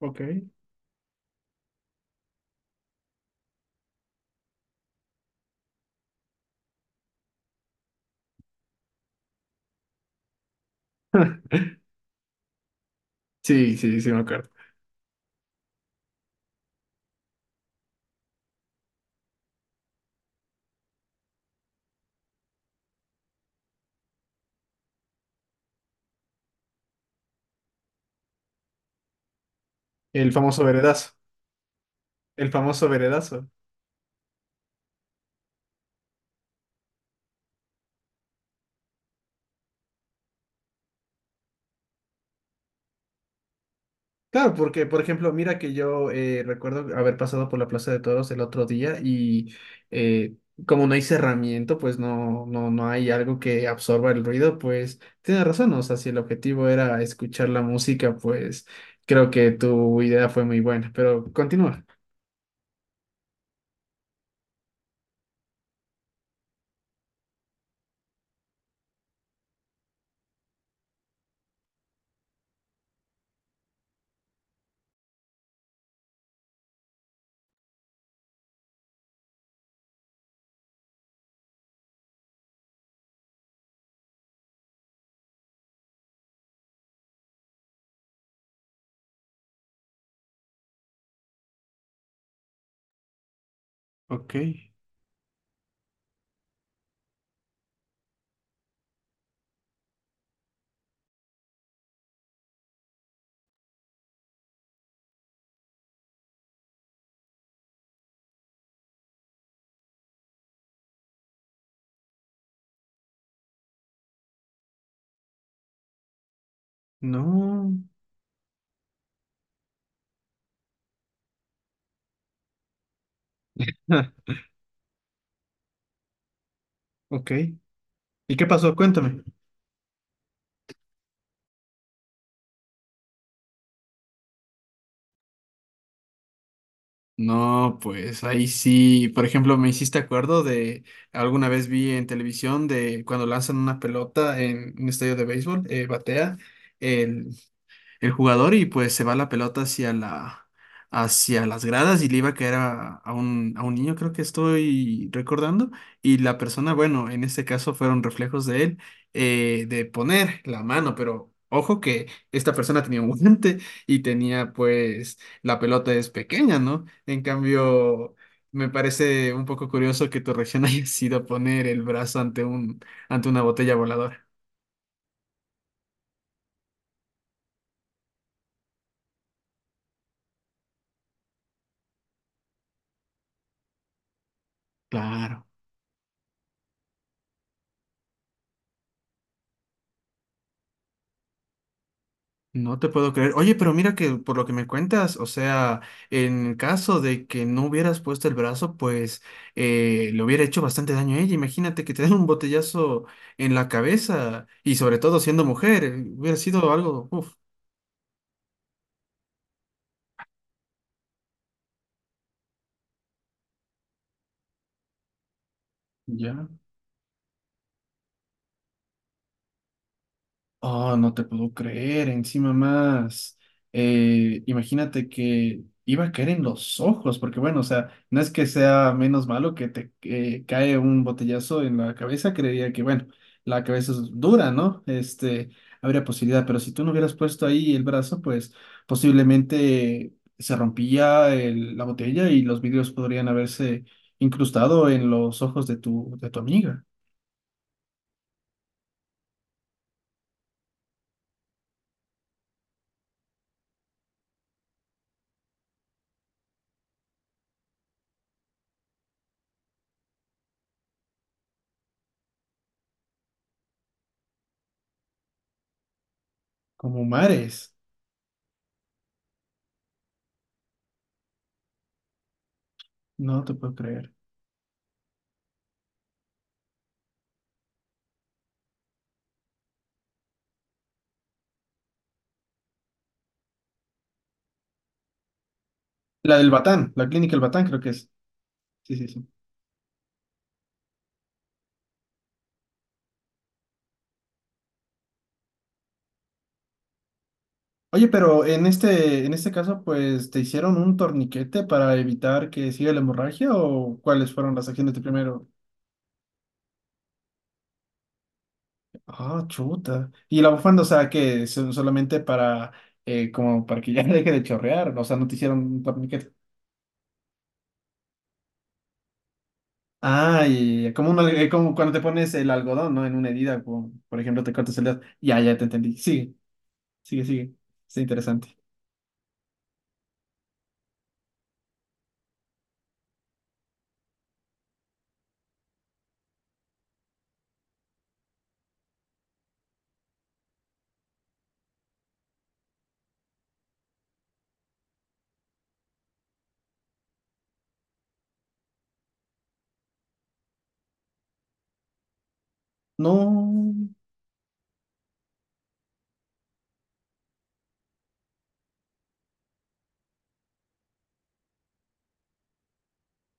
Ok. Sí, sí, sí, me acuerdo. El famoso veredazo. El famoso veredazo. Claro, porque, por ejemplo, mira que yo recuerdo haber pasado por la Plaza de Toros el otro día y eh, como no hay cerramiento, pues no hay algo que absorba el ruido, pues tienes razón. O sea, si el objetivo era escuchar la música, pues creo que tu idea fue muy buena. Pero continúa. Ok. No. Ah, ok. ¿Y qué pasó? Cuéntame. No, pues ahí sí, por ejemplo, me hiciste acuerdo alguna vez vi en televisión de cuando lanzan una pelota en un estadio de béisbol, batea, el jugador y pues se va la pelota hacia hacia las gradas y le iba a caer a un niño, creo que estoy recordando, y la persona, bueno, en este caso fueron reflejos de él, de poner la mano, pero Ojo que esta persona tenía un guante y tenía pues la pelota es pequeña, ¿no? En cambio, me parece un poco curioso que tu reacción haya sido poner el brazo ante ante una botella voladora. Claro. No te puedo creer. Oye, pero mira que por lo que me cuentas, o sea, en caso de que no hubieras puesto el brazo, pues le hubiera hecho bastante daño a ella. Imagínate que te den un botellazo en la cabeza y sobre todo siendo mujer, hubiera sido algo, uf. Ya. Oh, no te puedo creer, encima más. Imagínate que iba a caer en los ojos, porque bueno, o sea, no es que sea menos malo que te cae un botellazo en la cabeza, creería que bueno, la cabeza es dura, ¿no? Este, habría posibilidad, pero si tú no hubieras puesto ahí el brazo, pues posiblemente se rompía la botella y los vidrios podrían haberse incrustado en los ojos de de tu amiga, como mares. No te puedo creer. La del Batán, la clínica El Batán creo que es. Sí, sí, sí. Oye, pero en en este caso, pues, ¿te hicieron un torniquete para evitar que siga la hemorragia o cuáles fueron las acciones de primero? Ah, chuta. Y la bufanda, o sea, que son solamente para, como para que ya deje de chorrear, o sea, no te hicieron un torniquete. Ah, y como, como cuando te pones el algodón, ¿no? En una herida, como, por ejemplo, te cortas el dedo. Ya, ya te entendí. Sigue, sigue, sigue. Está interesante. No.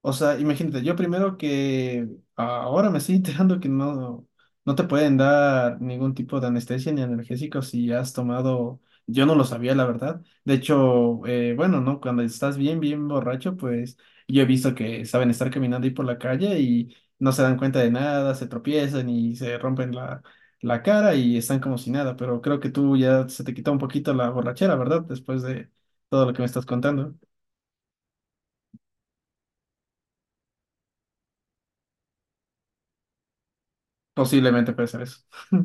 O sea, imagínate, yo primero que ahora me estoy enterando que no te pueden dar ningún tipo de anestesia ni analgésico si has tomado, yo no lo sabía, la verdad. De hecho, bueno, ¿no? Cuando estás bien, bien borracho, pues yo he visto que saben estar caminando ahí por la calle y no se dan cuenta de nada, se tropiezan y se rompen la cara y están como si nada, pero creo que tú ya se te quitó un poquito la borrachera, ¿verdad? Después de todo lo que me estás contando. Posiblemente puede ser eso.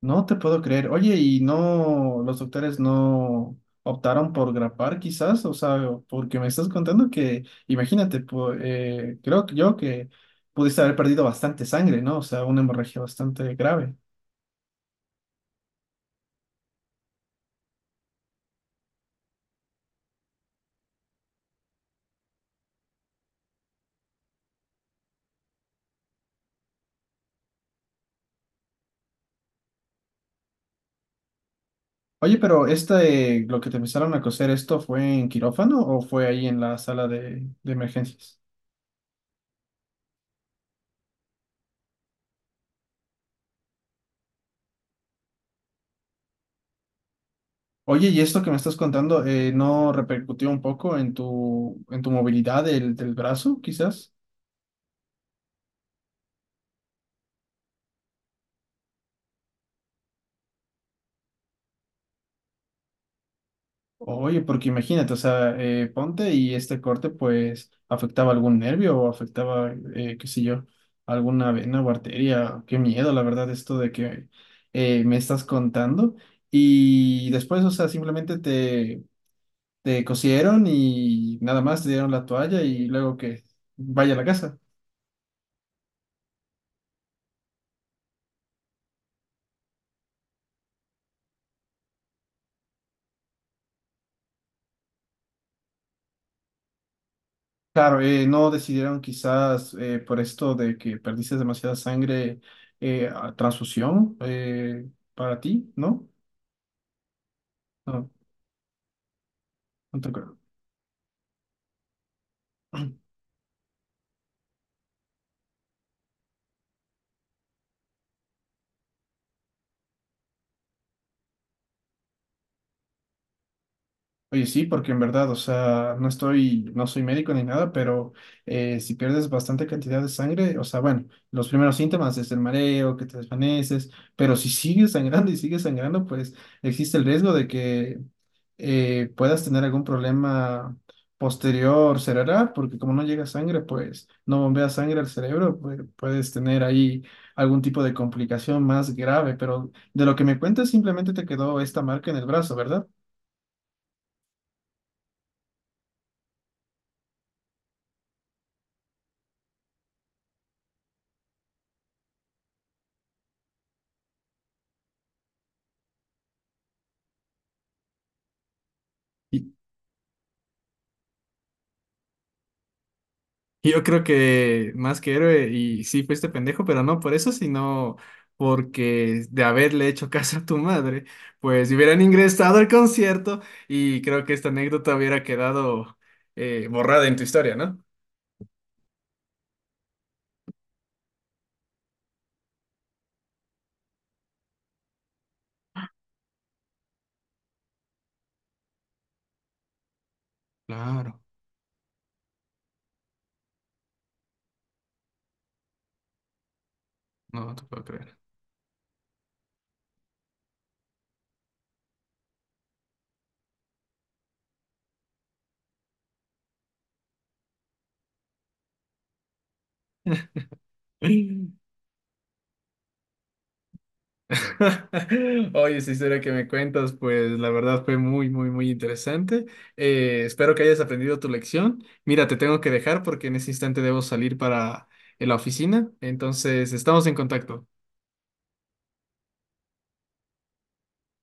No te puedo creer. Oye, ¿y no los doctores no optaron por grapar quizás? O sea, porque me estás contando que, imagínate, creo que yo que pudiste haber perdido bastante sangre, ¿no? O sea, una hemorragia bastante grave. Oye, pero este, lo que te empezaron a coser, ¿esto fue en quirófano o fue ahí en la sala de emergencias? Oye, ¿y esto que me estás contando, no repercutió un poco en en tu movilidad del brazo, quizás? Oye, porque imagínate, o sea, ponte y este corte pues afectaba algún nervio o afectaba, qué sé yo, alguna vena o arteria. Qué miedo, la verdad, esto de que me estás contando. Y después, o sea, simplemente te cosieron y nada más te dieron la toalla y luego que vaya a la casa. Claro, no decidieron quizás por esto de que perdiste demasiada sangre, a transfusión para ti, ¿no? No, no te acuerdo. Oye, sí, porque en verdad, o sea, no soy médico ni nada, pero si pierdes bastante cantidad de sangre, o sea, bueno, los primeros síntomas es el mareo, que te desvaneces, pero si sigues sangrando y sigues sangrando, pues existe el riesgo de que puedas tener algún problema posterior cerebral, porque como no llega sangre, pues no bombea sangre al cerebro, pues, puedes tener ahí algún tipo de complicación más grave, pero de lo que me cuentas, simplemente te quedó esta marca en el brazo, ¿verdad? Y- Yo creo que más que héroe, y sí fuiste pendejo, pero no por eso, sino porque de haberle hecho caso a tu madre, pues si hubieran ingresado al concierto y creo que esta anécdota hubiera quedado borrada en tu historia, ¿no? Claro, no te puedo creer. Oye, esa historia que me cuentas, pues la verdad fue muy, muy, muy interesante. Espero que hayas aprendido tu lección. Mira, te tengo que dejar porque en ese instante debo salir para la oficina. Entonces, estamos en contacto.